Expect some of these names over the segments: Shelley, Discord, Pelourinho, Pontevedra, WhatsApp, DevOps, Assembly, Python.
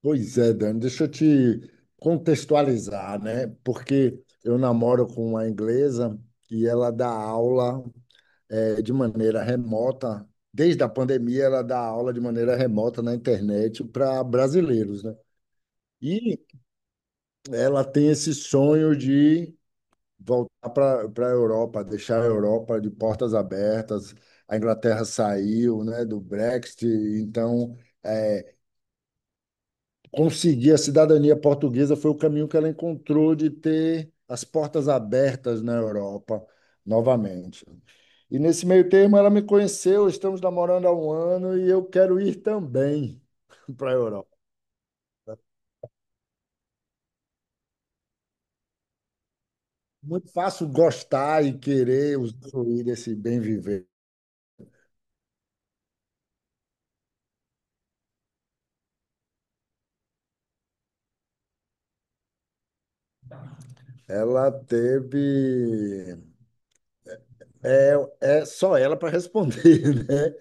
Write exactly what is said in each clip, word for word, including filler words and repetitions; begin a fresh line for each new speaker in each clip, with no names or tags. Pois é, Dani, deixa eu te contextualizar, né? Porque eu namoro com uma inglesa e ela dá aula eh, de maneira remota. Desde a pandemia, ela dá aula de maneira remota na internet para brasileiros, né? E ela tem esse sonho de voltar para para a Europa, deixar a Europa de portas abertas. A Inglaterra saiu, né, do Brexit, então eh, conseguir a cidadania portuguesa foi o caminho que ela encontrou de ter as portas abertas na Europa novamente. E nesse meio termo ela me conheceu, estamos namorando há um ano e eu quero ir também para a Europa. Muito fácil gostar e querer usufruir desse bem viver. Ela teve. É, é só ela para responder, né?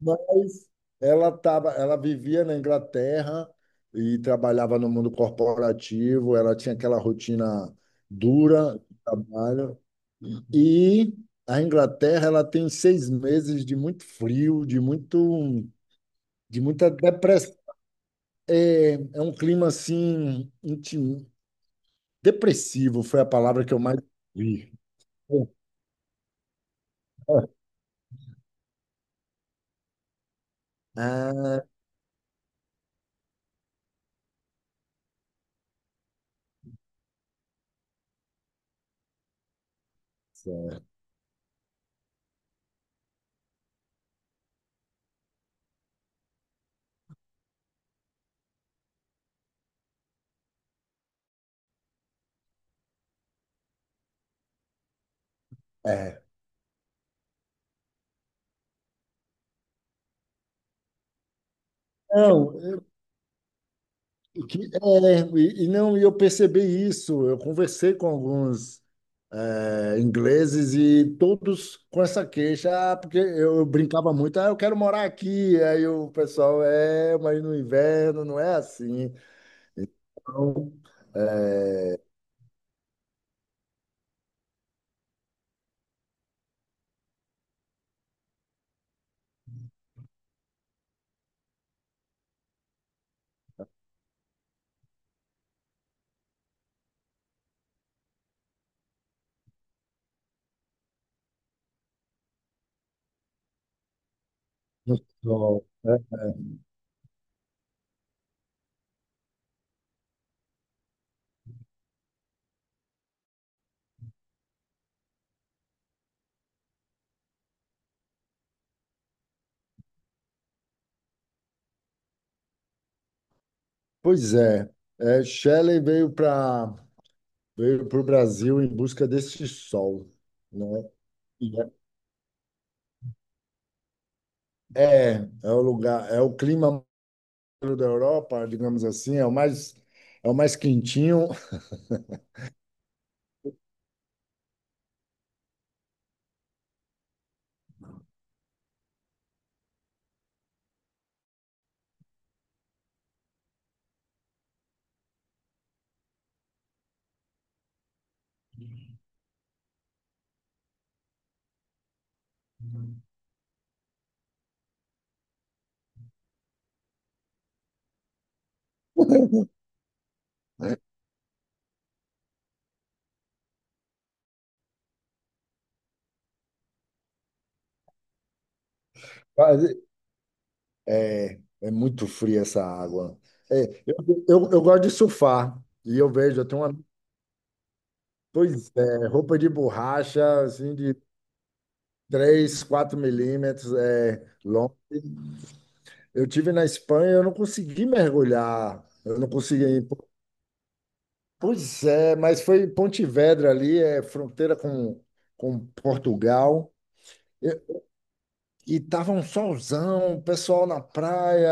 Mas ela tava, ela vivia na Inglaterra e trabalhava no mundo corporativo, ela tinha aquela rotina dura de trabalho. E a Inglaterra, ela tem seis meses de muito frio, de muito, de muita depressão. É, é um clima assim, intim- depressivo foi a palavra que eu mais vi. Ah, certo. É. Não. E que- é, e, e não, e eu percebi isso. Eu conversei com alguns é, ingleses e todos com essa queixa, ah, porque eu, eu brincava muito, ah, eu quero morar aqui. Aí o pessoal, é, mas no inverno não é assim. Então, é, no sol, né? Pois é, é, Shelley veio para veio para o Brasil em busca desse sol, né? E É, é é o lugar, é o clima centro da Europa, digamos assim, é o mais, é o mais quentinho. Mas É, é muito fria essa água. É, eu, eu, eu gosto de surfar e eu vejo, eu tenho uma, pois é, roupa de borracha, assim, de três quatro milímetros, é longa. Eu tive na Espanha, eu não consegui mergulhar, eu não consegui. Pois é, mas foi em Pontevedra ali, é fronteira com, com Portugal. E tava um solzão, o pessoal na praia,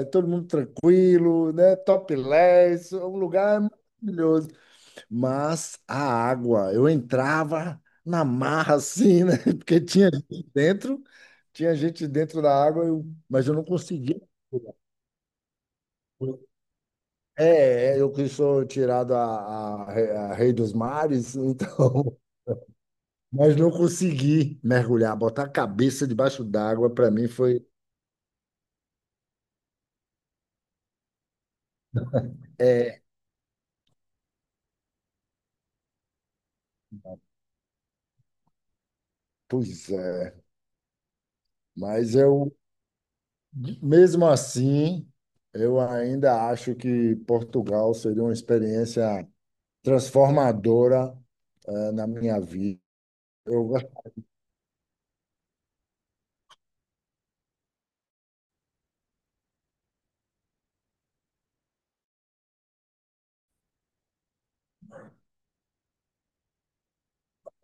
é, todo mundo tranquilo, né? Topless, um lugar maravilhoso. Mas a água, eu entrava na marra assim, né? Porque tinha gente dentro, tinha gente dentro da água, eu- mas eu não conseguia. É, é, eu que sou tirado a, a, re- a rei dos mares, então, mas não consegui mergulhar, botar a cabeça debaixo d'água, para mim foi. É, pois é. Mas eu, mesmo assim, eu ainda acho que Portugal seria uma experiência transformadora, eh, na minha vida. Eu,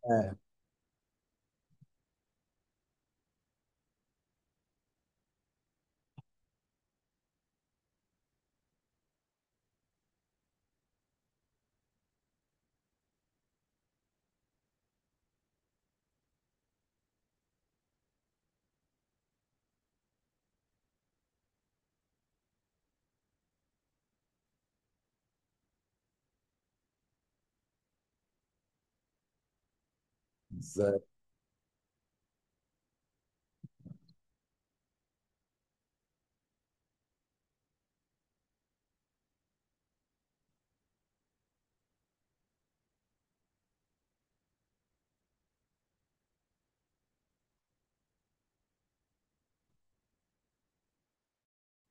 é, Zé,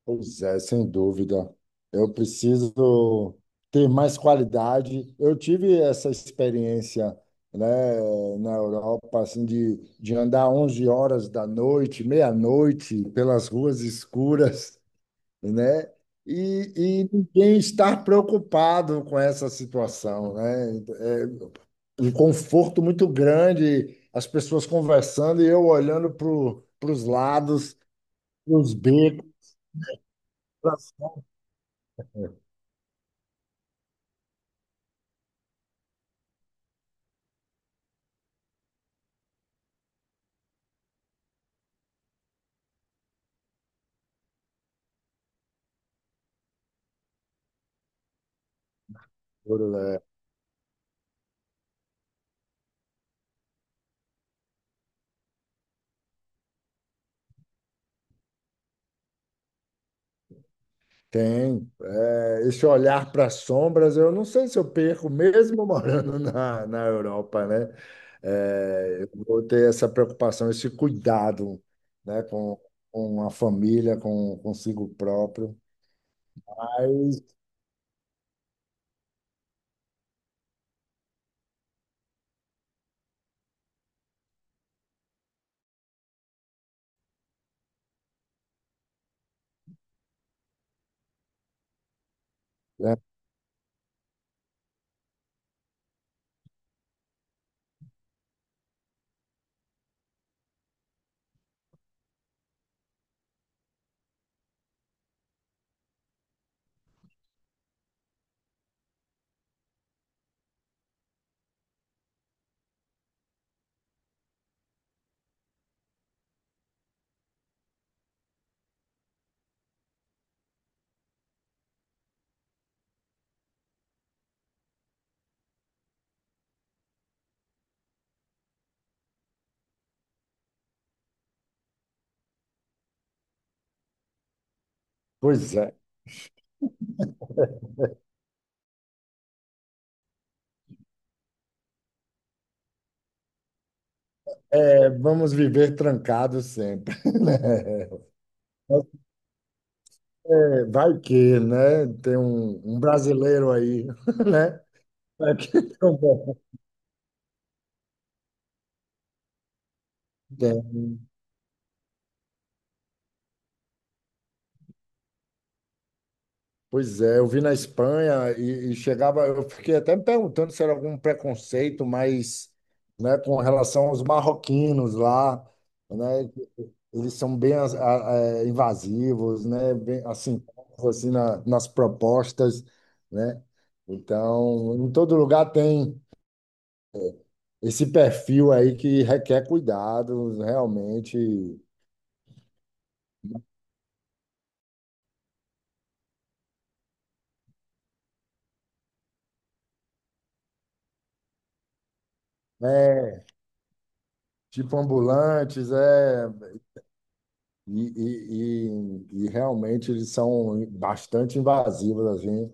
pois é, sem dúvida. Eu preciso ter mais qualidade. Eu tive essa experiência, né, na Europa, assim, de, de andar onze horas da noite, meia-noite, pelas ruas escuras, né? E, e ninguém estar preocupado com essa situação, né? É um conforto muito grande, as pessoas conversando e eu olhando para os lados, para os becos, para as sombras, né? Tem. É, esse olhar para as sombras, eu não sei se eu perco, mesmo morando na, na Europa, né? É, eu vou ter essa preocupação, esse cuidado, né, com, com a família, com consigo próprio. Mas pois é, É, vamos viver trancados sempre, né? Mas, É, vai que, né? Tem um, um brasileiro aí, né? Vai que tem um bom. Tem. Pois é, eu vi na Espanha e, e chegava, eu fiquei até me perguntando se era algum preconceito, mas, né, com relação aos marroquinos lá, né? Eles são bem a- a- a- invasivos, né? Bem, assim, assim na- nas propostas, né? Então, em todo lugar tem esse perfil aí que requer cuidados, realmente. É, tipo ambulantes, é, e, e, e, e realmente eles são bastante invasivos, assim.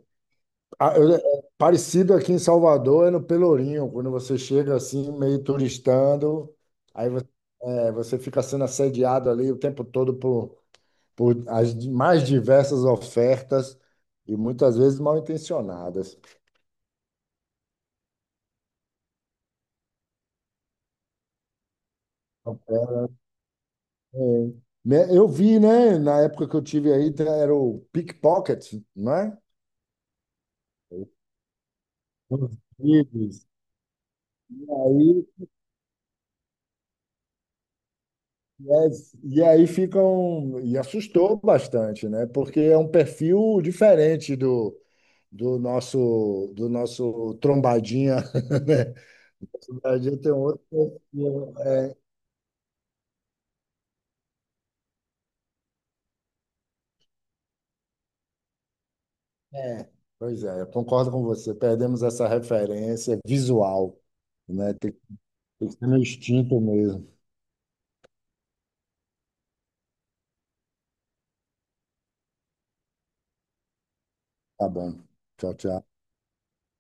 Ah, eu- é parecido aqui em Salvador, é no Pelourinho, quando você chega assim, meio turistando, aí você, é, você fica sendo assediado ali o tempo todo por, por as mais diversas ofertas e muitas vezes mal intencionadas. É, né, eu vi, né, na época que eu tive aí, te- era o pickpocket, né? Os livros. Aí, yes, e aí ficam, e assustou bastante, né? Porque é um perfil diferente do nosso do nosso trombadinha, né? Trombadinha tem um outro perfil. É, é. é, Pois é, eu concordo com você. Perdemos essa referência visual, né? Tem, tem que ser no instinto mesmo. Tá bom. Tchau, tchau.